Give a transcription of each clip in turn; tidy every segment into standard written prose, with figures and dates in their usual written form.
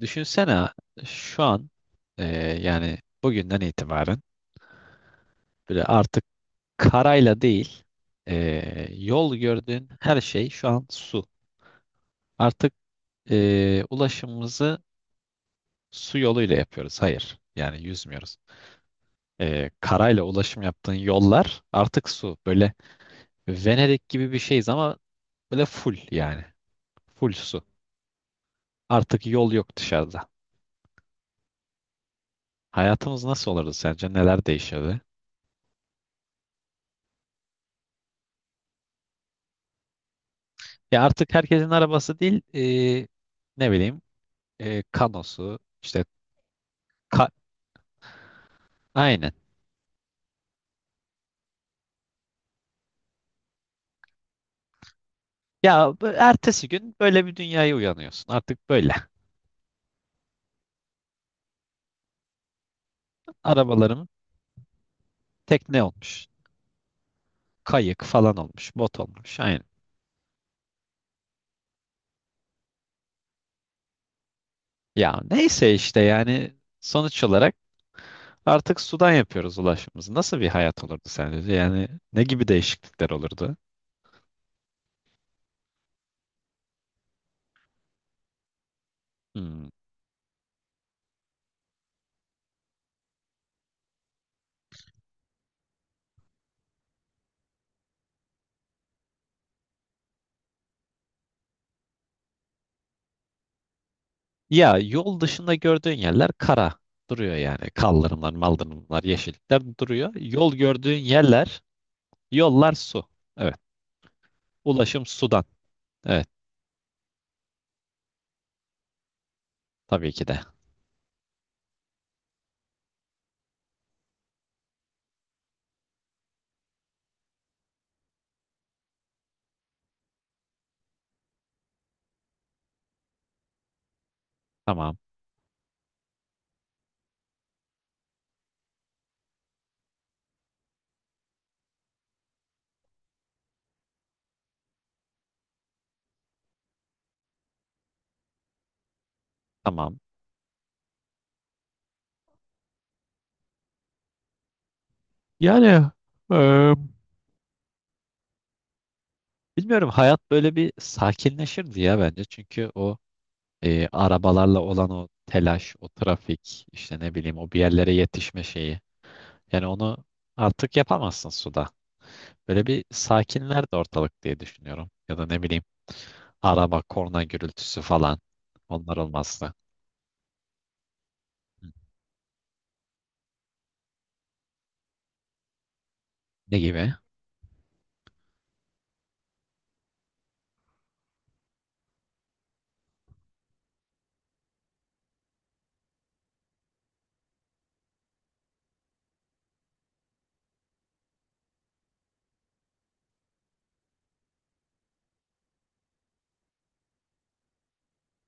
Düşünsene şu an e, yani bugünden itibaren böyle artık karayla değil yol gördüğün her şey şu an su. Artık ulaşımımızı su yoluyla yapıyoruz. Hayır yani yüzmüyoruz. Karayla ulaşım yaptığın yollar artık su. Böyle Venedik gibi bir şeyiz ama böyle full yani. Full su. Artık yol yok dışarıda. Hayatımız nasıl olurdu sence? Neler değişirdi? Ya artık herkesin arabası değil e, ne bileyim kanosu işte ka- aynen. Ya ertesi gün böyle bir dünyaya uyanıyorsun. Artık böyle. Arabalarım tekne olmuş. Kayık falan olmuş. Bot olmuş. Aynen. Ya neyse işte yani sonuç olarak artık sudan yapıyoruz ulaşımımızı. Nasıl bir hayat olurdu sence? Yani ne gibi değişiklikler olurdu? Hmm. Ya yol dışında gördüğün yerler kara duruyor yani. Kaldırımlar, maldırımlar, yeşillikler duruyor. Yol gördüğün yerler, yollar su. Evet. Ulaşım sudan. Evet. Tabii ki de. Tamam, tamam. Yani eee, bilmiyorum hayat böyle bir sakinleşirdi ya bence. Çünkü o arabalarla olan o telaş, o trafik, işte ne bileyim o bir yerlere yetişme şeyi. Yani onu artık yapamazsın suda. Böyle bir sakinlerdi ortalık diye düşünüyorum. Ya da ne bileyim araba, korna gürültüsü falan. Onlar olmazdı. Ne gibi?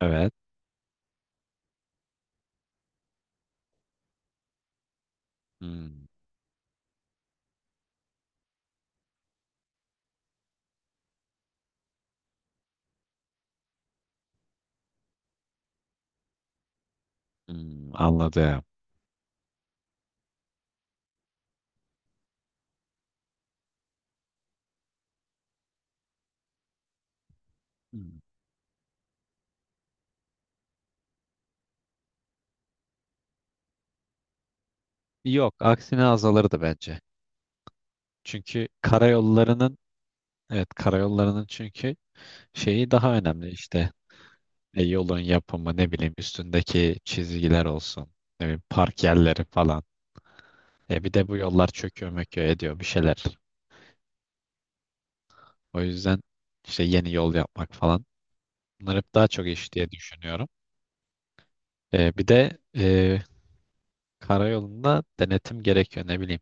Evet. Hmm, hmm, anladım. Hmm. Yok, aksine azalırdı bence. Çünkü karayollarının evet karayollarının çünkü şeyi daha önemli işte. Yolun yapımı, ne bileyim üstündeki çizgiler olsun, ne bileyim park yerleri falan. Bir de bu yollar çöküyor möküyor ediyor bir şeyler. O yüzden işte yeni yol yapmak falan, bunlar hep daha çok iş diye düşünüyorum. Bir de karayolunda denetim gerekiyor, ne bileyim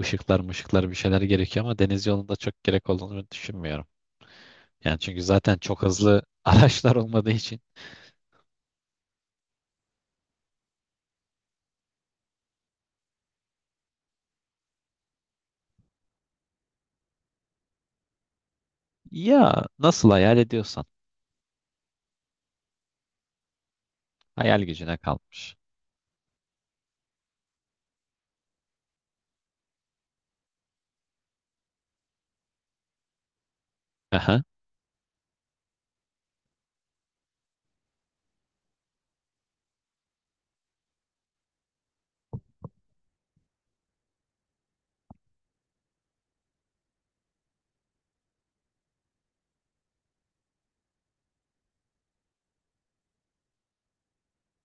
ışıklar mışıklar bir şeyler gerekiyor, ama deniz yolunda çok gerek olduğunu düşünmüyorum. Yani çünkü zaten çok hızlı araçlar olmadığı için. Ya nasıl hayal ediyorsan. Hayal gücüne kalmış. Aha,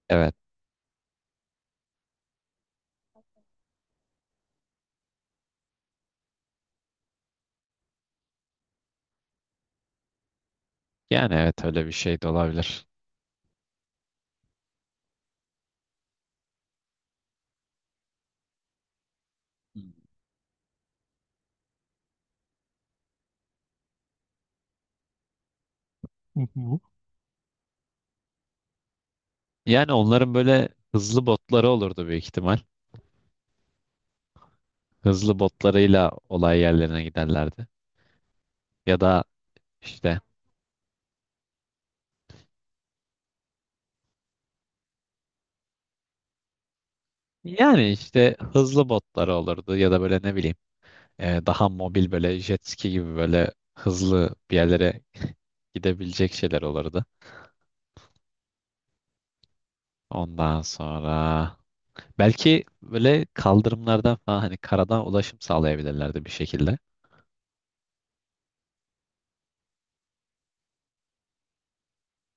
evet. Yani evet öyle bir şey de olabilir. Hı hı. Yani onların böyle hızlı botları olurdu büyük ihtimal. Hızlı botlarıyla olay yerlerine giderlerdi. Ya da işte, yani işte hızlı botları olurdu ya da böyle ne bileyim daha mobil böyle jet ski gibi böyle hızlı bir yerlere gidebilecek şeyler olurdu. Ondan sonra belki böyle kaldırımlardan falan, hani karadan ulaşım sağlayabilirlerdi bir şekilde.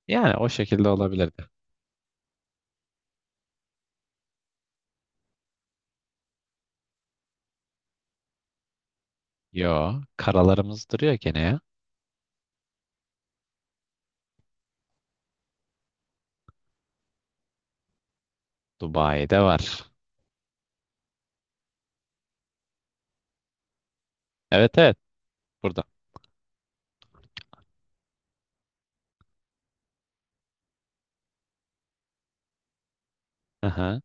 Yani o şekilde olabilirdi. Yo, karalarımız duruyor gene ya. Dubai'de var. Evet, evet, burada. Aha.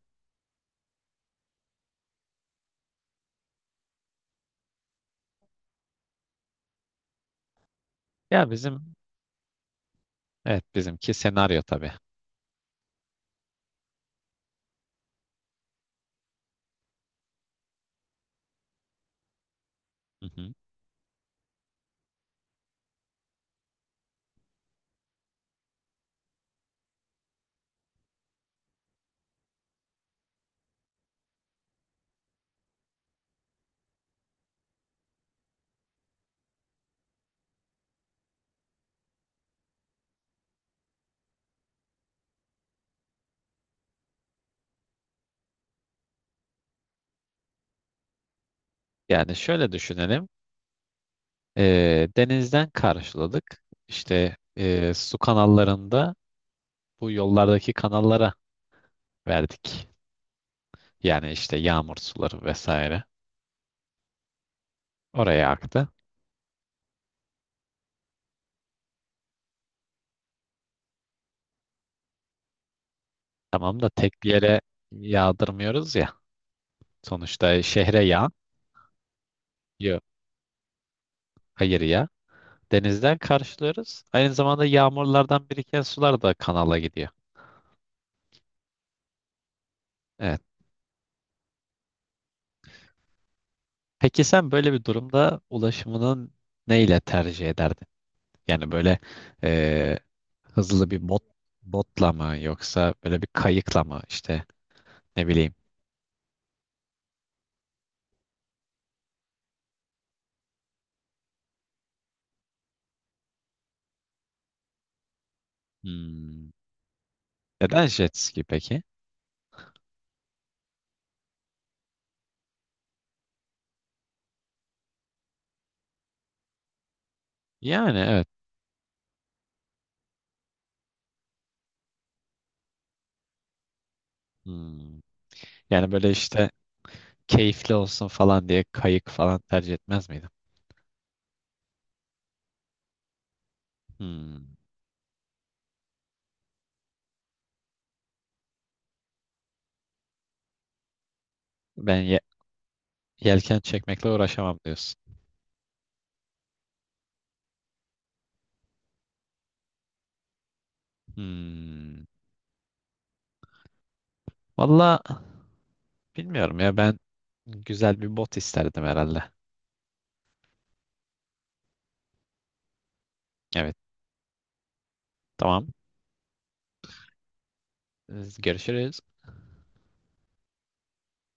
Ya bizim, evet bizimki senaryo tabii. Hı hı. Yani şöyle düşünelim. Denizden karşıladık. İşte su kanallarında, bu yollardaki kanallara verdik. Yani işte yağmur suları vesaire. Oraya aktı. Tamam da tek bir yere yağdırmıyoruz ya. Sonuçta şehre yağ, yok, hayır ya. Denizden karşılıyoruz. Aynı zamanda yağmurlardan biriken sular da kanala gidiyor. Evet. Peki sen böyle bir durumda ulaşımının neyle tercih ederdin? Yani böyle eee, hızlı bir botla mı, yoksa böyle bir kayıkla mı, işte ne bileyim. Hmm. Neden jet ski peki? Yani evet. Hmm. Yani böyle işte keyifli olsun falan diye kayık falan tercih etmez miydim? Hmm. Ben yelken çekmekle uğraşamam diyorsun. Hmm. Valla bilmiyorum ya, ben güzel bir bot isterdim herhalde. Evet, tamam. Görüşürüz.